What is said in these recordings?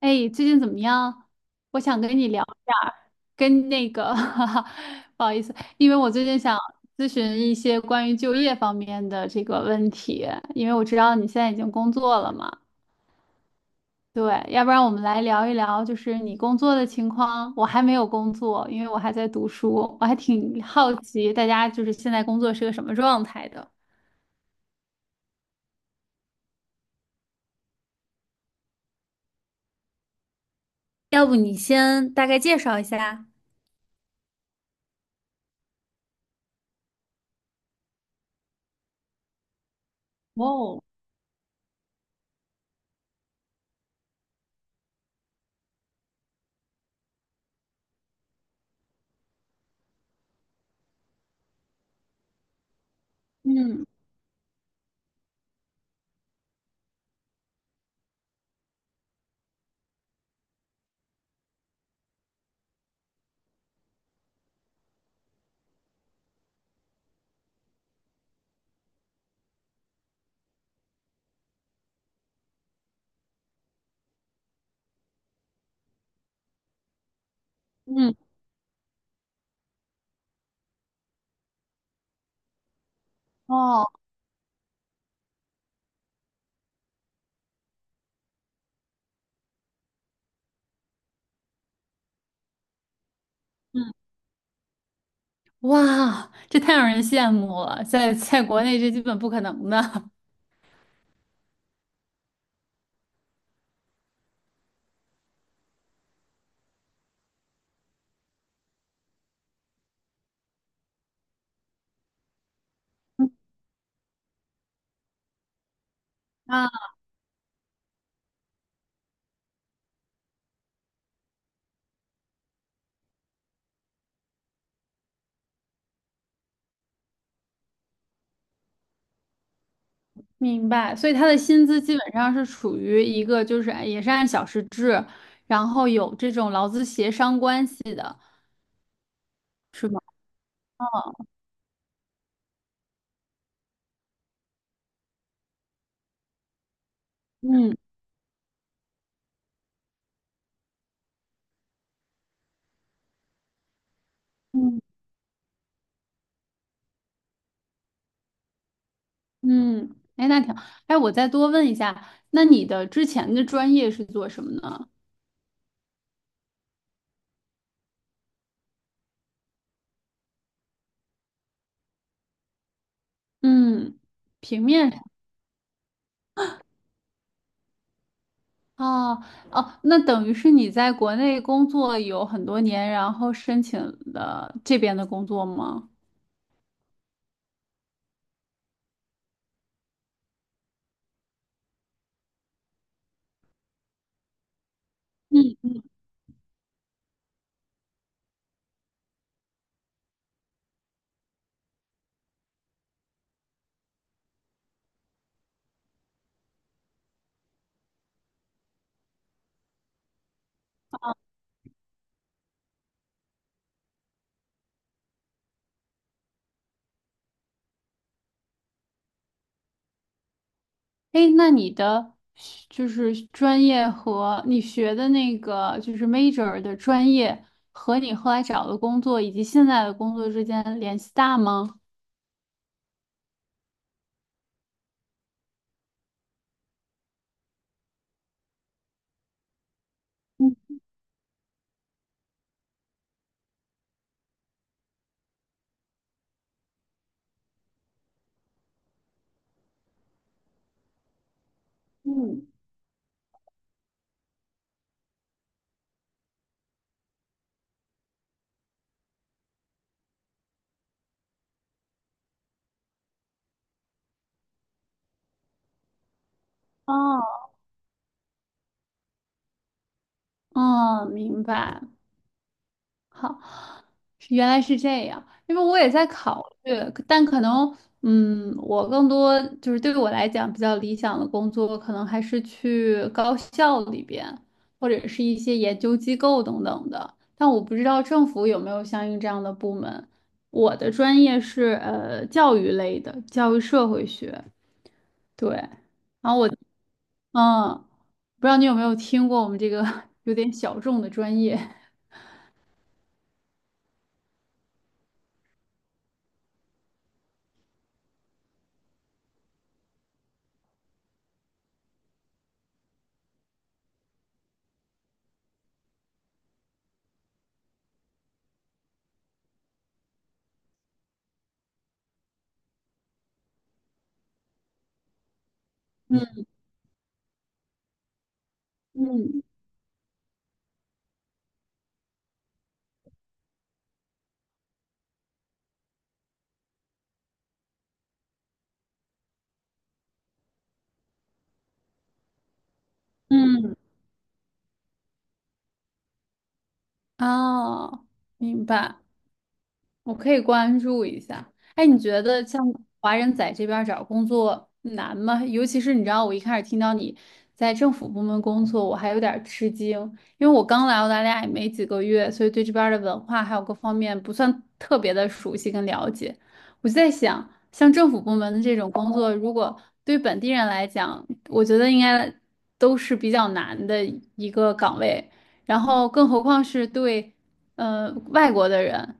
哎，最近怎么样？我想跟你聊一下，跟哈哈，不好意思，因为我最近想咨询一些关于就业方面的这个问题，因为我知道你现在已经工作了嘛。对，要不然我们来聊一聊，就是你工作的情况。我还没有工作，因为我还在读书，我还挺好奇大家就是现在工作是个什么状态的。要不你先大概介绍一下？哦。嗯嗯。哦。嗯。哇，这太让人羡慕了，在国内这基本不可能的。 啊！明白，所以他的薪资基本上是处于一个就是按也是按小时制，然后有这种劳资协商关系的，是吗？嗯。嗯。嗯，嗯哎，那挺，哎，我再多问一下，那你的之前的专业是做什么呢？嗯，平面。哦。哦，那等于是你在国内工作有很多年，然后申请了这边的工作吗？嗯。哎，那你的学就是专业和你学的那个就是 major 的专业和你后来找的工作以及现在的工作之间联系大吗？嗯。嗯。哦。哦，明白。好，原来是这样，因为我也在考虑，但可能，嗯，我更多就是对于我来讲比较理想的工作，可能还是去高校里边，或者是一些研究机构等等的。但我不知道政府有没有相应这样的部门。我的专业是教育类的，教育社会学。对。然后我，嗯，不知道你有没有听过我们这个 有点小众的专业。嗯。嗯。嗯。哦，明白。我可以关注一下。哎，你觉得像华人在这边儿找工作难吗？尤其是你知道，我一开始听到你在政府部门工作，我还有点儿吃惊，因为我刚来澳大利亚也没几个月，所以对这边儿的文化还有各方面不算特别的熟悉跟了解。我就在想，像政府部门的这种工作，如果对本地人来讲，我觉得应该都是比较难的一个岗位，然后更何况是对外国的人。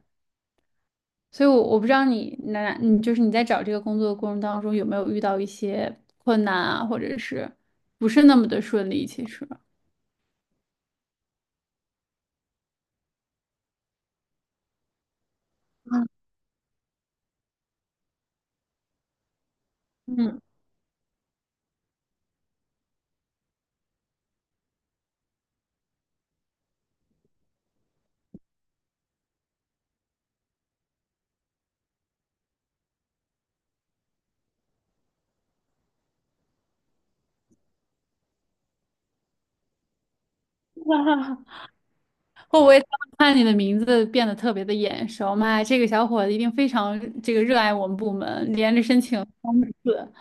所以我，我不知道你那，你就是你在找这个工作的过程当中有没有遇到一些困难啊，或者是不是那么的顺利？其实，嗯。会不会当我看你的名字变得特别的眼熟？妈呀，这个小伙子一定非常这个热爱我们部门，连着申请三次。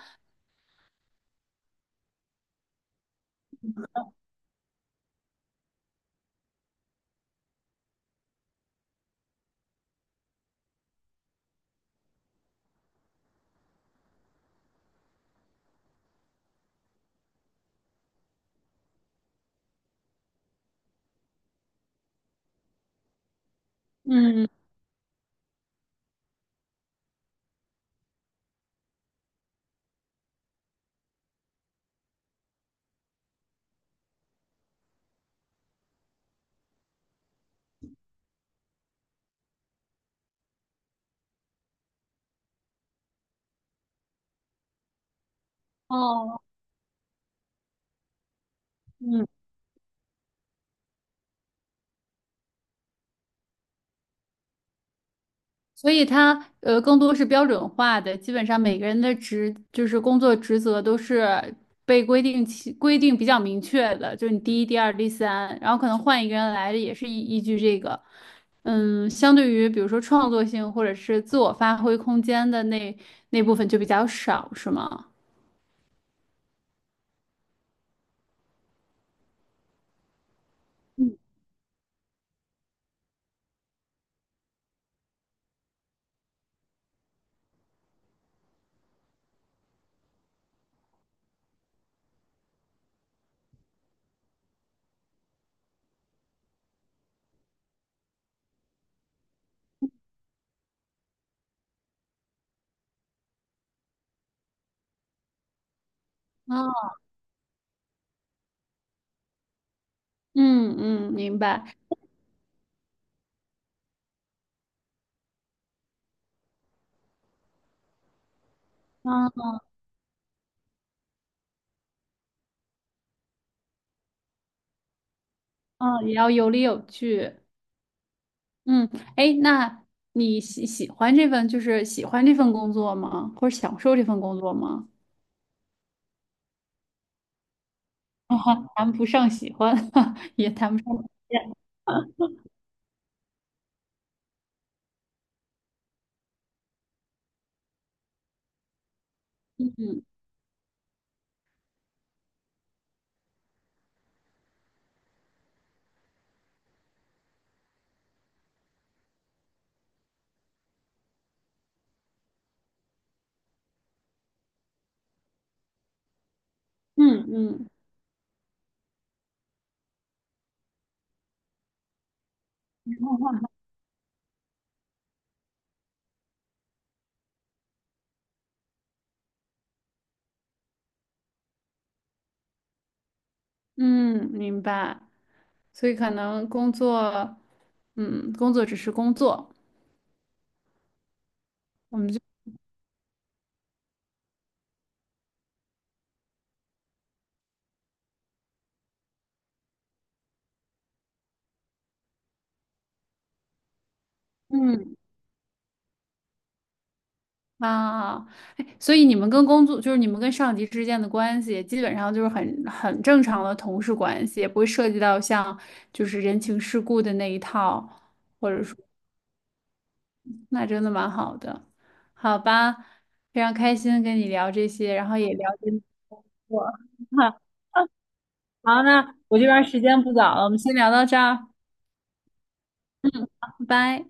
哦，所以它更多是标准化的，基本上每个人的职就是工作职责都是被规定其规定比较明确的，就是你第一、第二、第三，然后可能换一个人来也是依依据这个。嗯，相对于比如说创作性或者是自我发挥空间的那部分就比较少，是吗？啊，嗯。嗯，明白。嗯。嗯，也要有理有据。嗯，哎，那你喜喜欢这份就是喜欢这份工作吗？或者享受这份工作吗？啊哈，谈不上喜欢，也谈不上讨厌。嗯。嗯。嗯。嗯，明白。所以可能工作，嗯，工作只是工作，我们就嗯啊，哎，所以你们跟工作就是你们跟上级之间的关系，基本上就是很正常的同事关系，也不会涉及到像就是人情世故的那一套。那真的蛮好的，好吧，非常开心跟你聊这些，然后也了解你我。好，那我这边时间不早了，我们先聊到这儿，拜拜。